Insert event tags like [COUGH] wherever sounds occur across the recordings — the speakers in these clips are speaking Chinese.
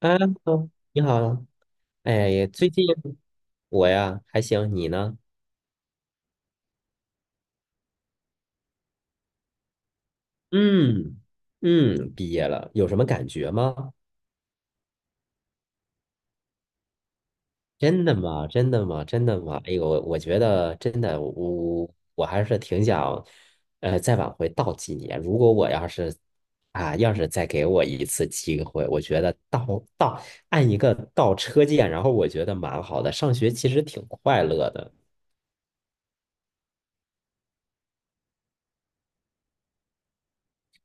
哎，你好。哎呀，最近我呀还行，你呢？嗯嗯，毕业了，有什么感觉吗？真的吗？真的吗？真的吗？哎呦，我觉得真的，我还是挺想，再往回倒几年。如果我要是再给我一次机会，我觉得倒按一个倒车键，然后我觉得蛮好的。上学其实挺快乐的。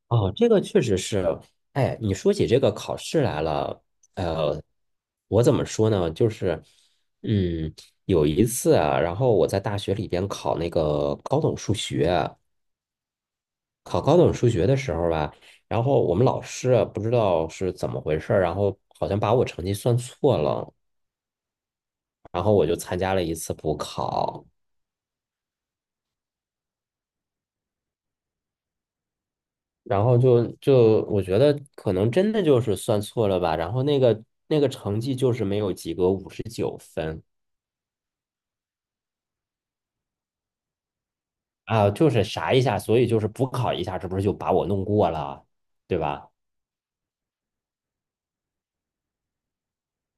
哦，这个确实是。哎，你说起这个考试来了。呃，我怎么说呢？就是，嗯，有一次啊，然后我在大学里边考那个高等数学，考高等数学的时候吧，然后我们老师啊不知道是怎么回事儿，然后好像把我成绩算错了，然后我就参加了一次补考。然后就我觉得可能真的就是算错了吧，然后那个成绩就是没有及格，59分。啊，就是啥一下，所以就是补考一下，这不是就把我弄过了，对吧？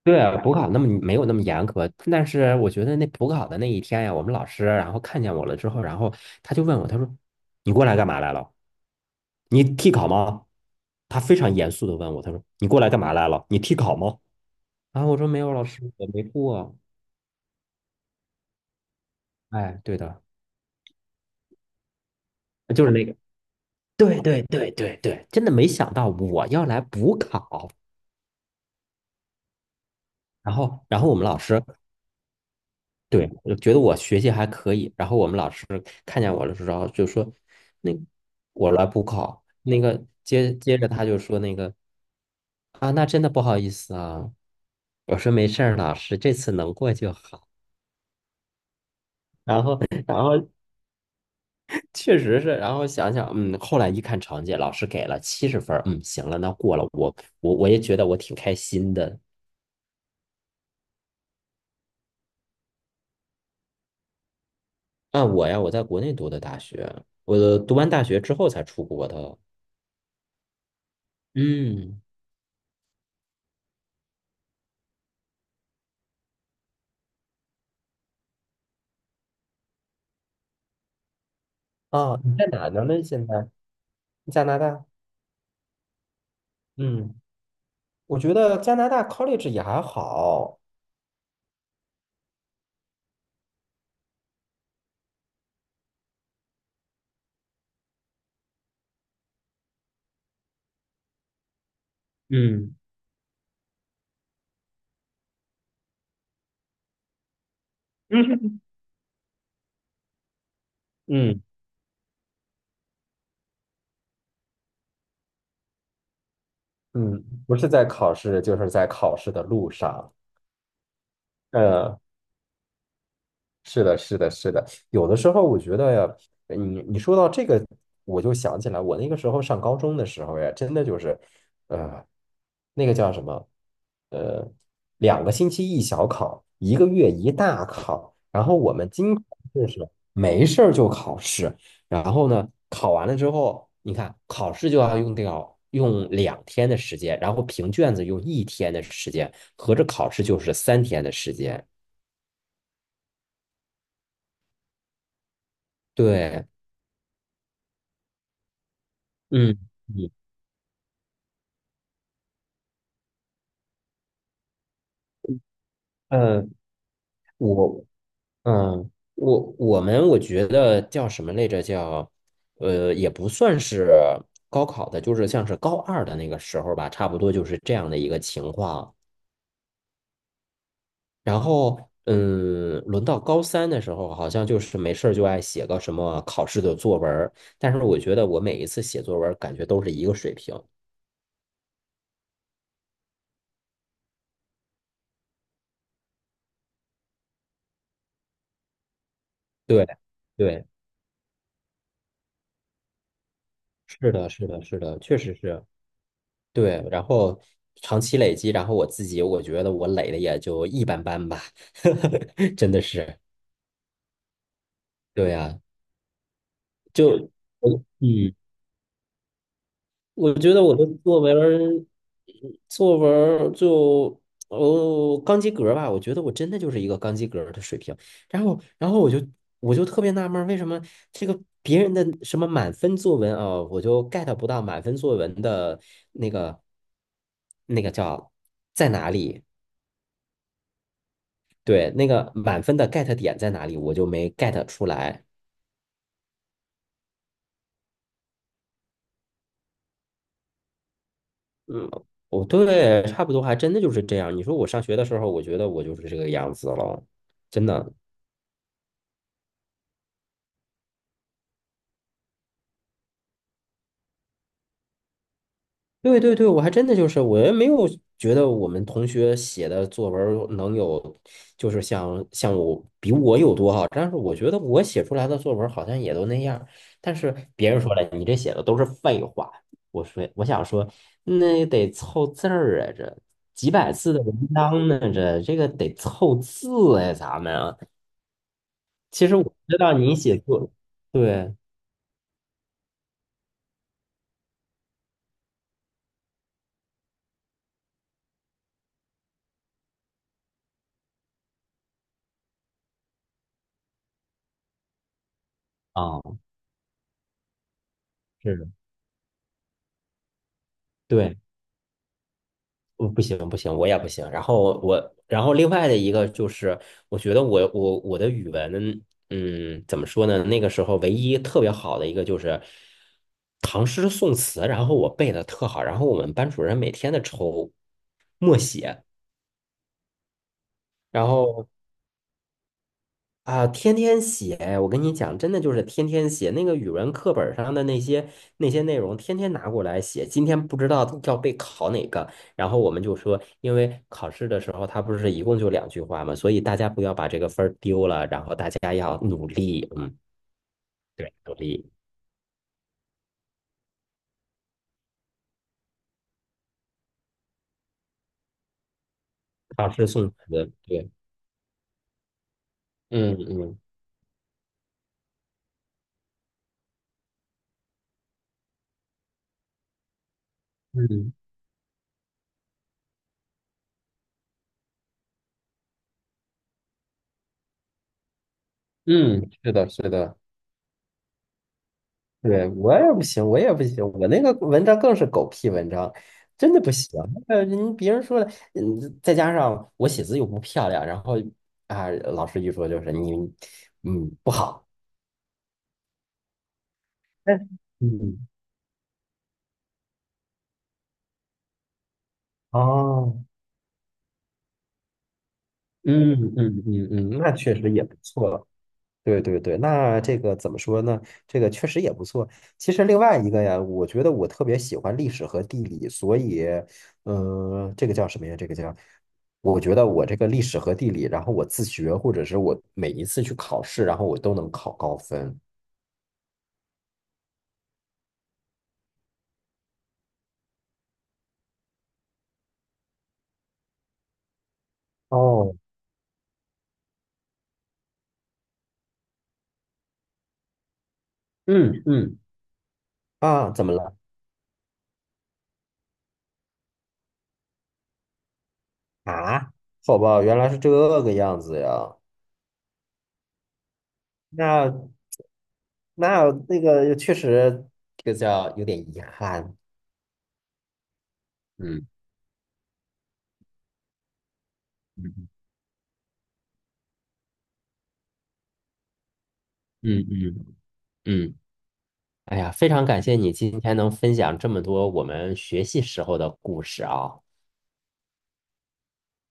对啊，补考那么没有那么严格，但是我觉得那补考的那一天呀，我们老师然后看见我了之后，然后他就问我，他说："你过来干嘛来了？你替考吗？"他非常严肃的问我，他说："你过来干嘛来了？你替考吗？"然后我说："没有，老师，我没过。"哎，对的，就是那个，对对对对对，真的没想到我要来补考。然后我们老师，对，我觉得我学习还可以，然后我们老师看见我的时候就说，那我来补考，那个接着他就说那个，啊，那真的不好意思啊，我说没事儿，老师这次能过就好。然后，然后确实是。然后想想，嗯，后来一看成绩，老师给了70分儿，嗯，行了，那过了，我也觉得我挺开心的。啊，我呀，我在国内读的大学，我读完大学之后才出国的。嗯，哦，你在哪呢？现在？加拿大，嗯我觉得加拿大 college 也还好。嗯嗯嗯，嗯，不是在考试，就是在考试的路上。嗯，是的，是的，是的。有的时候我觉得呀，你说到这个，我就想起来，我那个时候上高中的时候呀，真的就是，呃，那个叫什么，呃，2个星期一小考，一个月一大考。然后我们经常就是没事儿就考试，然后呢，考完了之后，你看考试就要用掉，用2天的时间，然后评卷子用一天的时间，合着考试就是3天的时间。对，嗯。嗯嗯，我嗯，我我们我觉得叫什么来着？叫，也不算是高考的，就是像是高二的那个时候吧，差不多就是这样的一个情况。然后，轮到高三的时候，好像就是没事儿就爱写个什么考试的作文儿，但是我觉得我每一次写作文儿感觉都是一个水平。对对，是的，是的，是的，确实是。对，然后长期累积，然后我自己我觉得我累的也就一般般吧，[LAUGHS] 真的是。对呀、就 [LAUGHS] 我嗯，我觉得我的作文儿就，哦，刚及格吧，我觉得我真的就是一个刚及格儿的水平，然后我就特别纳闷儿，为什么这个别人的什么满分作文啊，我就 get 不到满分作文的那个那个叫，在哪里？对，那个满分的 get 点在哪里，我就没 get 出来。嗯，我，对，差不多还真的就是这样。你说我上学的时候，我觉得我就是这个样子了，真的。对对对，我还真的就是，我也没有觉得我们同学写的作文儿能有，就是像我，比我有多好，但是我觉得我写出来的作文儿好像也都那样儿，但是别人说了，你这写的都是废话。我说，我想说，那得凑字儿啊，这几百字的文章呢，这个得凑字，哎，咱们啊。其实我知道你写作，对啊，是，对。我不行不行，我也不行。然后我，然后另外的一个就是，我觉得我的语文，嗯，怎么说呢？那个时候唯一特别好的一个就是唐诗宋词，然后我背的特好。然后我们班主任每天的抽默写，然后啊，天天写，我跟你讲，真的就是天天写那个语文课本上的那些内容，天天拿过来写。今天不知道要被考哪个，然后我们就说，因为考试的时候它不是一共就两句话嘛，所以大家不要把这个分儿丢了，然后大家要努力，嗯，对，努力。考试宋词，对，嗯嗯嗯嗯，是的，是的。对，我也不行，我也不行，我那个文章更是狗屁文章，真的不行。呃，个人别人说了，嗯，再加上我写字又不漂亮，然后啊，老师一说就是你，嗯，不好。但是，嗯，哦，嗯嗯嗯嗯，那确实也不错。了。对对对，那这个怎么说呢？这个确实也不错。其实另外一个呀，我觉得我特别喜欢历史和地理，所以，嗯、这个叫什么呀？这个叫，我觉得我这个历史和地理，然后我自学，或者是我每一次去考试，然后我都能考高分。哦，嗯嗯，啊，怎么了？啊，好吧，原来是这个样子呀。那那个确实，这个叫有点遗憾。嗯嗯嗯嗯。嗯，哎呀，非常感谢你今天能分享这么多我们学习时候的故事啊。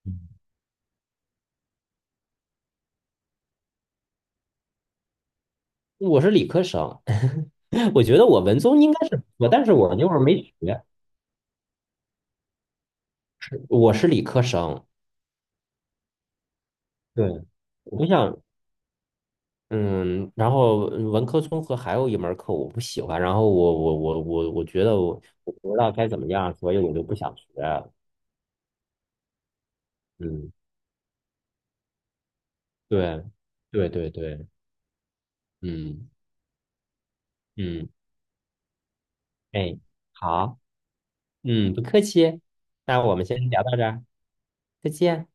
嗯，我是理科生，[LAUGHS] 我觉得我文综应该是不错，但是我那会儿没学，是，我是理科生。对，我想，嗯，然后文科综合还有一门课我不喜欢，然后我觉得我不知道该怎么样，所以我就不想学。嗯，对，对对对，嗯嗯，哎，好，嗯，不客气，那我们先聊到这儿。再见。